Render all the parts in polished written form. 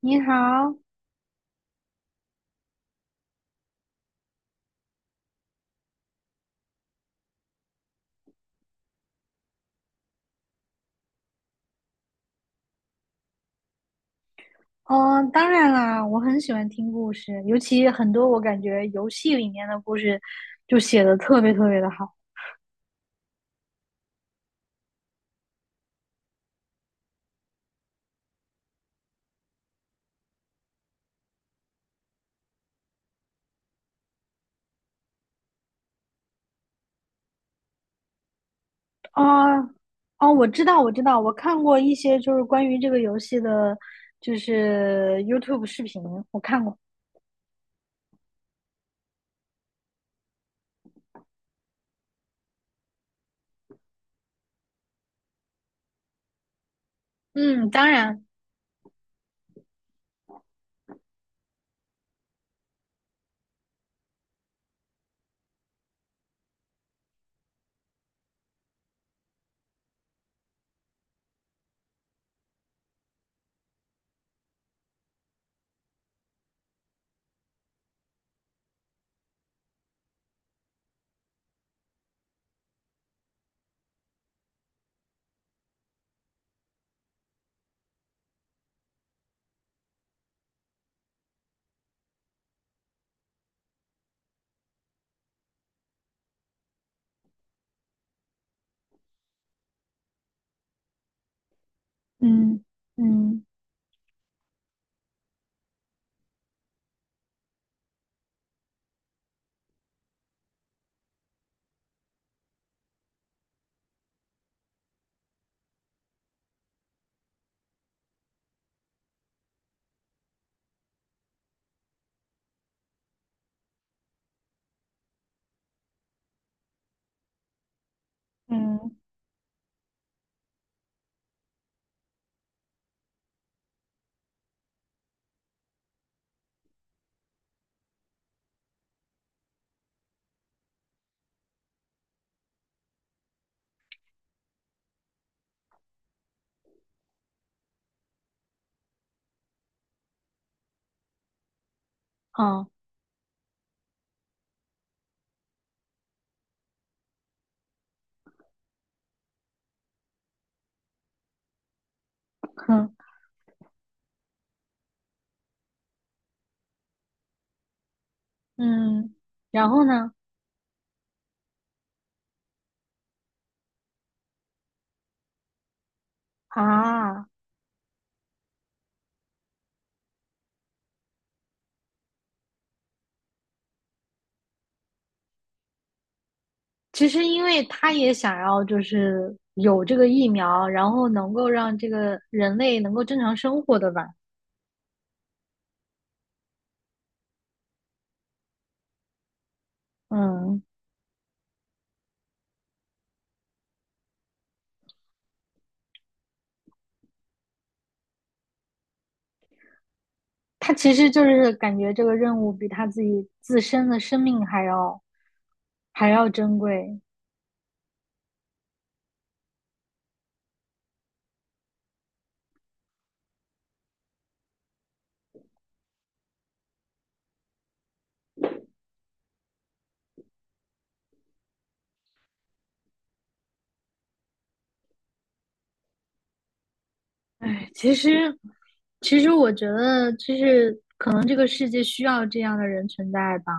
你好，当然啦，我很喜欢听故事，尤其很多我感觉游戏里面的故事就写的特别特别的好啊。哦，我知道，我知道，我看过一些就是关于这个游戏的，就是 YouTube 视频，我看过。嗯，当然，嗯嗯嗯，好，哼，嗯，然后呢？啊。其实因为他也想要就是有这个疫苗，然后能够让这个人类能够正常生活的吧。嗯，他其实就是感觉这个任务比他自己自身的生命还要还要珍贵。哎，其实我觉得就是可能这个世界需要这样的人存在吧。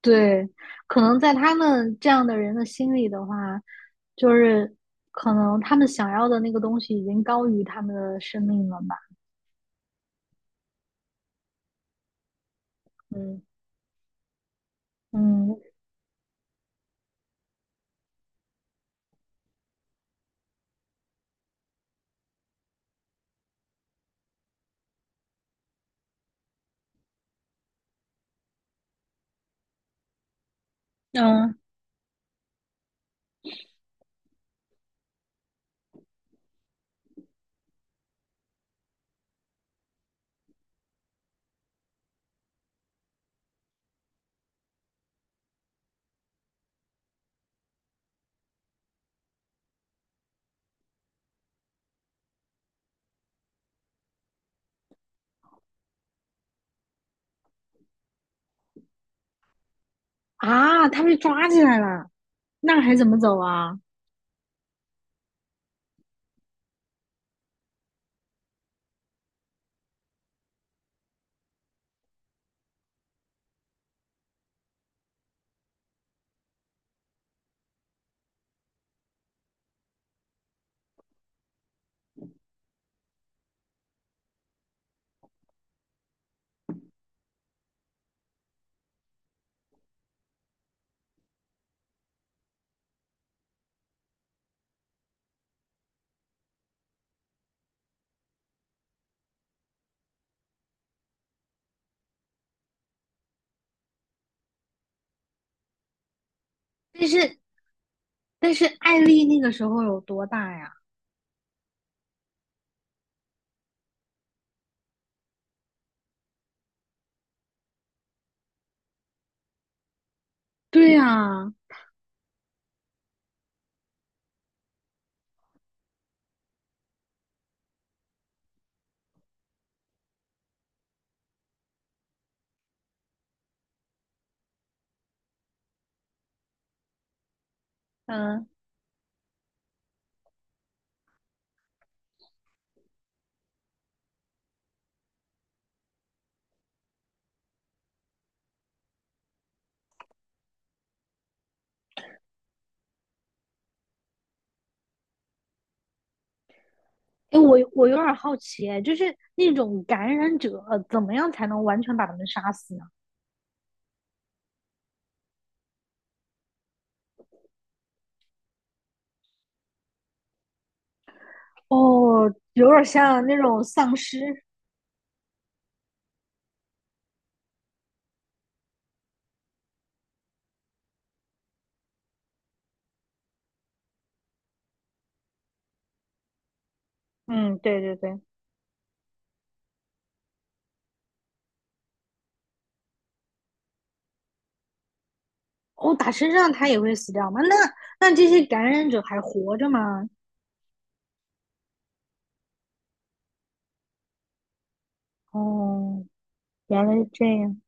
对，可能在他们这样的人的心里的话，就是可能他们想要的那个东西已经高于他们的生命了吧？嗯嗯嗯啊，他被抓起来了，那还怎么走啊？但是但是艾丽那个时候有多大呀？对呀，嗯，哎，我有点好奇，哎就是那种感染者怎么样才能完全把他们杀死呢？哦，有点像那种丧尸。嗯，对对对。哦，打身上他也会死掉吗？那那这些感染者还活着吗？哦，原来是这样。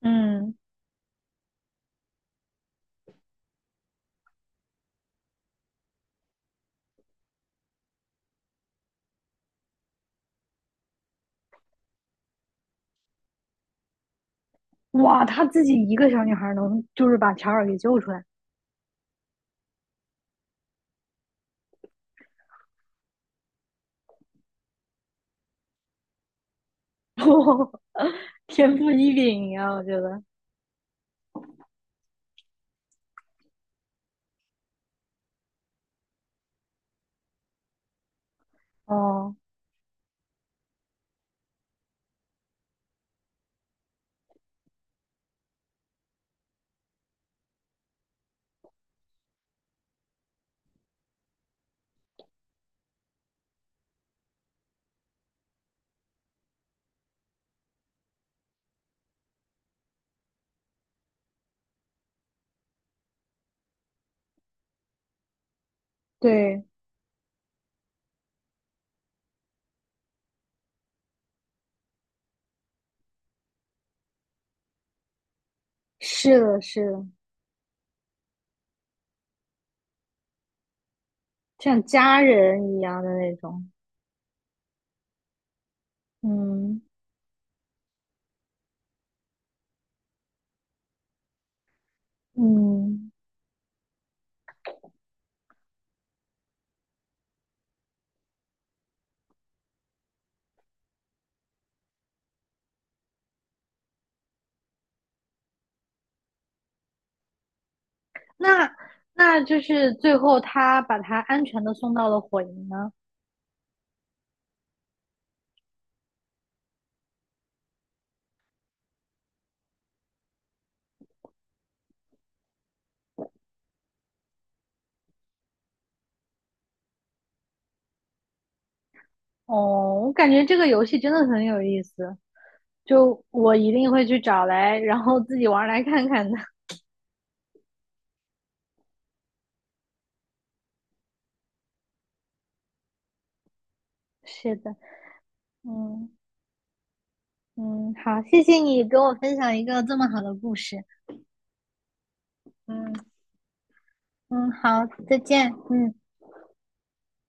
嗯，哇，她自己一个小女孩儿能就是把乔尔给救出来，天赋异禀呀，我觉得。哦，对，是的，是的，像家人一样的那种。嗯嗯，那那就是最后他把她安全的送到了火营呢。哦，我感觉这个游戏真的很有意思。就我一定会去找来，然后自己玩来看看的。是的，嗯嗯，好，谢谢你给我分享一个这么好的故事。嗯嗯，好，再见，嗯。